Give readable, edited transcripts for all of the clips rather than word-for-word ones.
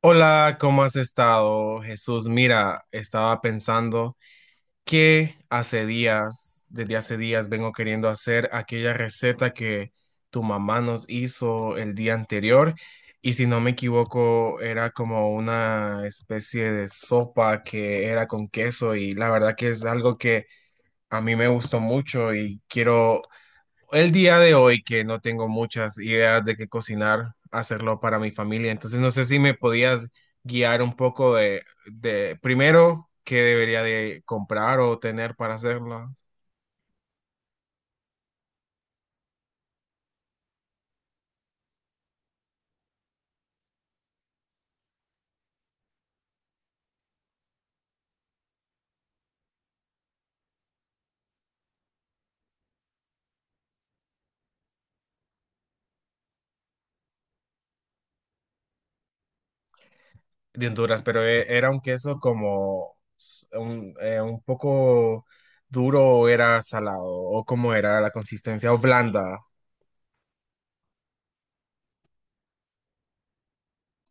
Hola, ¿cómo has estado, Jesús? Mira, estaba pensando que desde hace días, vengo queriendo hacer aquella receta que tu mamá nos hizo el día anterior y si no me equivoco era como una especie de sopa que era con queso y la verdad que es algo que a mí me gustó mucho y quiero el día de hoy que no tengo muchas ideas de qué cocinar, hacerlo para mi familia. Entonces no sé si me podías guiar un poco de primero qué debería de comprar o tener para hacerlo. De Honduras, pero era un queso como un poco duro o era salado o cómo era la consistencia o blanda.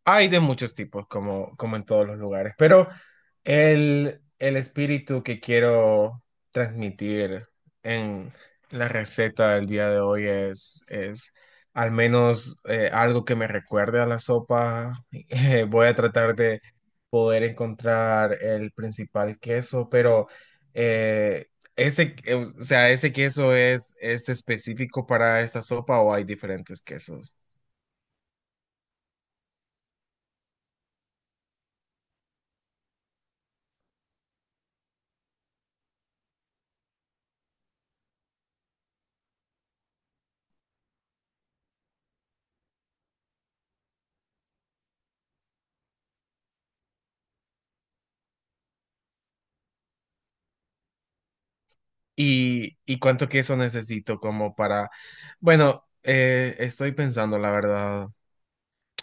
Hay de muchos tipos, como en todos los lugares, pero el espíritu que quiero transmitir en la receta del día de hoy es al menos algo que me recuerde a la sopa. Voy a tratar de poder encontrar el principal queso, pero eh, o sea, ese queso es específico para esa sopa o hay diferentes quesos. ¿Y cuánto queso necesito como para... Bueno, estoy pensando, la verdad,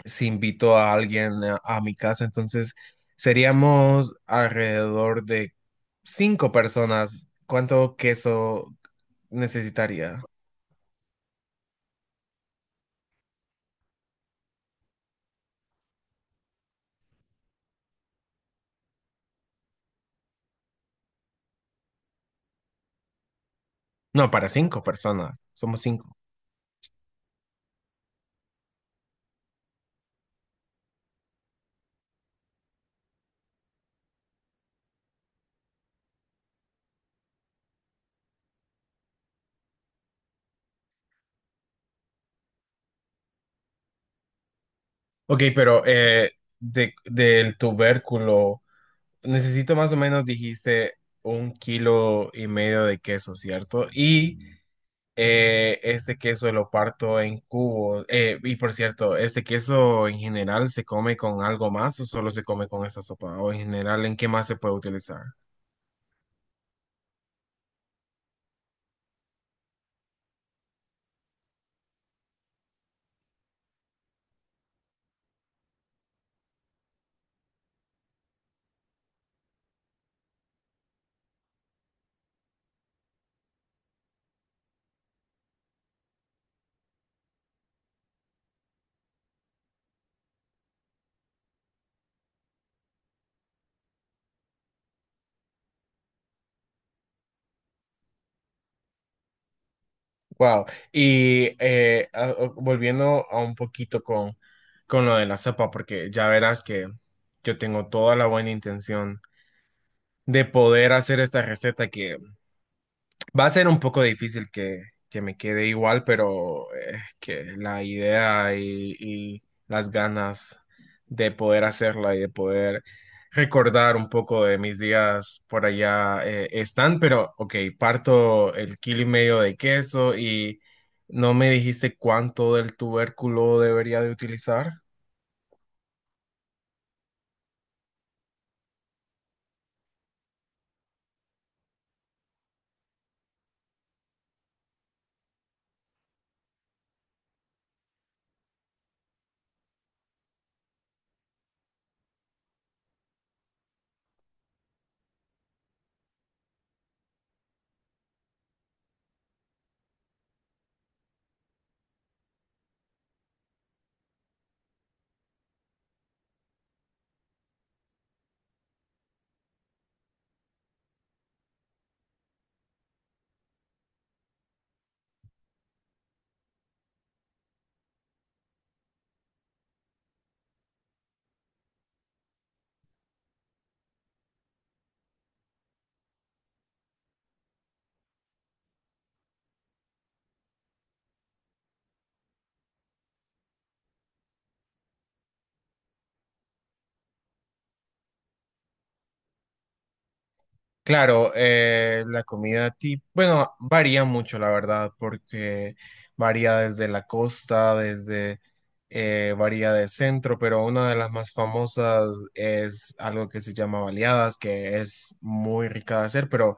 si invito a alguien a mi casa, entonces seríamos alrededor de cinco personas. ¿Cuánto queso necesitaría? No, para cinco personas, somos cinco. Ok, pero del tubérculo, necesito más o menos, dijiste, un kilo y medio de queso, ¿cierto? Y... este queso lo parto en cubos. Y por cierto, ¿este queso en general se come con algo más o solo se come con esta sopa? O en general, ¿en qué más se puede utilizar? Wow. Y volviendo a un poquito con lo de la sopa, porque ya verás que yo tengo toda la buena intención de poder hacer esta receta que va a ser un poco difícil que me quede igual, pero es que la idea y las ganas de poder hacerla y de poder recordar un poco de mis días por allá están, pero ok, parto el kilo y medio de queso y no me dijiste cuánto del tubérculo debería de utilizar. Claro, la comida típica, bueno, varía mucho, la verdad, porque varía desde la costa, varía del centro, pero una de las más famosas es algo que se llama baleadas, que es muy rica de hacer, pero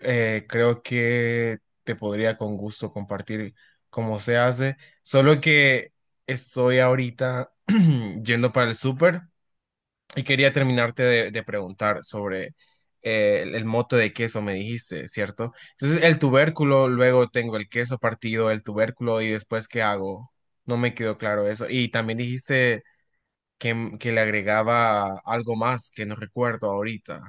creo que te podría con gusto compartir cómo se hace, solo que estoy ahorita yendo para el súper. Y quería terminarte de preguntar sobre el mote de queso, me dijiste, ¿cierto? Entonces, el tubérculo, luego tengo el queso partido, el tubérculo, y después, ¿qué hago? No me quedó claro eso. Y también dijiste que, que le agregaba algo más que no recuerdo ahorita.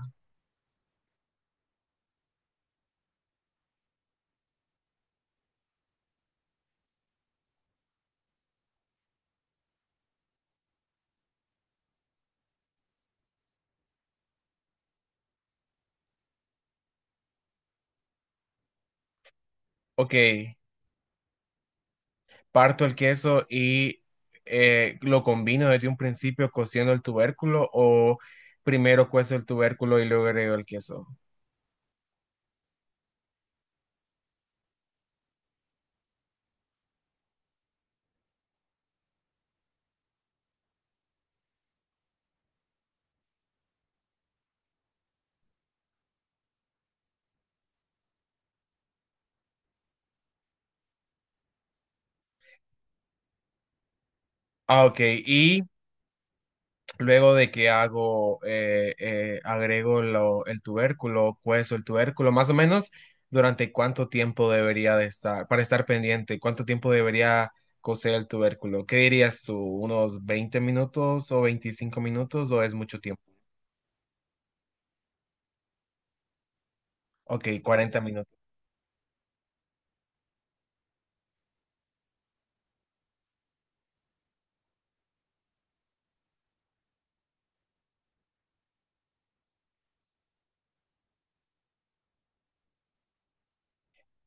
Ok, parto el queso y lo combino desde un principio cociendo el tubérculo o primero cuezo el tubérculo y luego agrego el queso. Ah, ok, y luego de que hago, agrego el tubérculo, cuezo el tubérculo, más o menos durante cuánto tiempo debería de estar, para estar pendiente, cuánto tiempo debería cocer el tubérculo. ¿Qué dirías tú? ¿Unos 20 minutos o 25 minutos o es mucho tiempo? Ok, 40 minutos.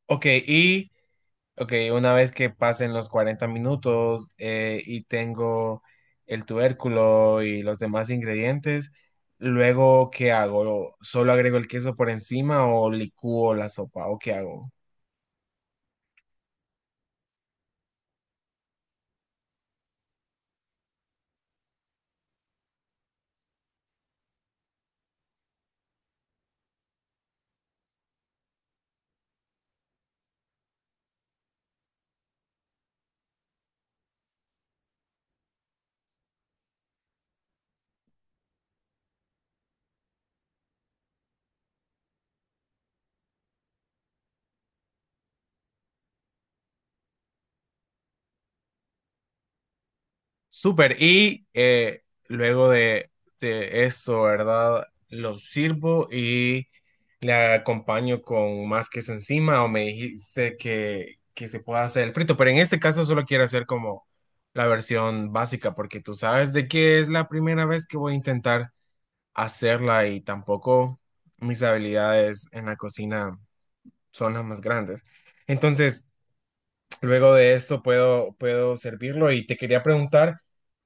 Ok, ok, una vez que pasen los 40 minutos y tengo el tubérculo y los demás ingredientes, luego, ¿qué hago? ¿Solo agrego el queso por encima o licúo la sopa? ¿O qué hago? Súper. Y luego de esto, ¿verdad? Lo sirvo y le acompaño con más queso encima o me dijiste que se pueda hacer el frito, pero en este caso solo quiero hacer como la versión básica porque tú sabes de que es la primera vez que voy a intentar hacerla y tampoco mis habilidades en la cocina son las más grandes. Entonces... Luego de esto puedo, servirlo y te quería preguntar,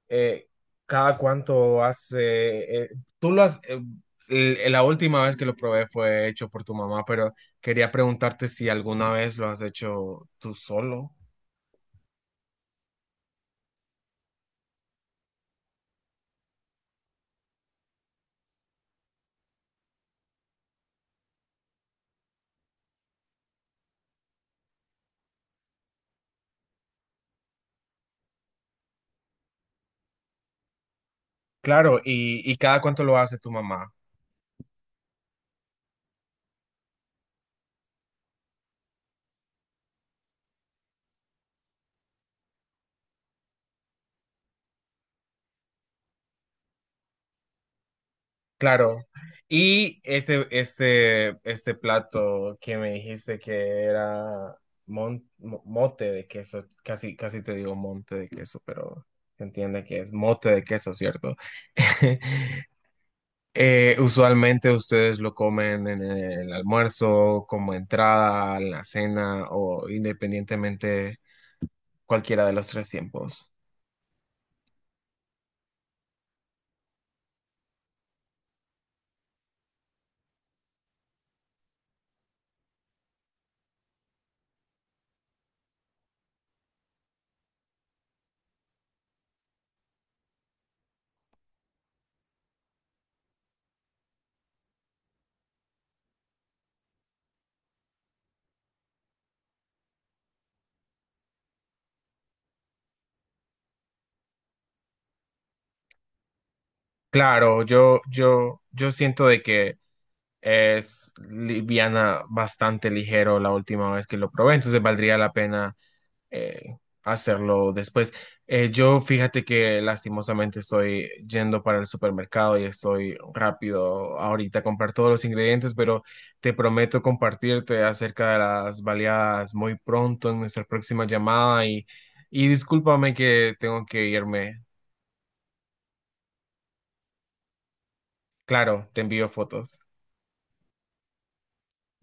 eh, ¿cada cuánto hace? Tú lo has, eh, la última vez que lo probé fue hecho por tu mamá, pero quería preguntarte si alguna vez lo has hecho tú solo. Claro, y ¿cada cuánto lo hace tu mamá? Claro. Y este plato que me dijiste que era mote de queso, casi, casi te digo monte de queso, pero se entiende que es mote de queso, ¿cierto? Usualmente ustedes lo comen en el almuerzo, como entrada, en la cena o independientemente cualquiera de los tres tiempos. Claro, yo siento de que es liviana, bastante ligero la última vez que lo probé, entonces valdría la pena eh, hacerlo después. Yo fíjate que lastimosamente estoy yendo para el supermercado y estoy rápido ahorita a comprar todos los ingredientes, pero te prometo compartirte acerca de las baleadas muy pronto en nuestra próxima llamada y discúlpame que tengo que irme. Claro, te envío fotos.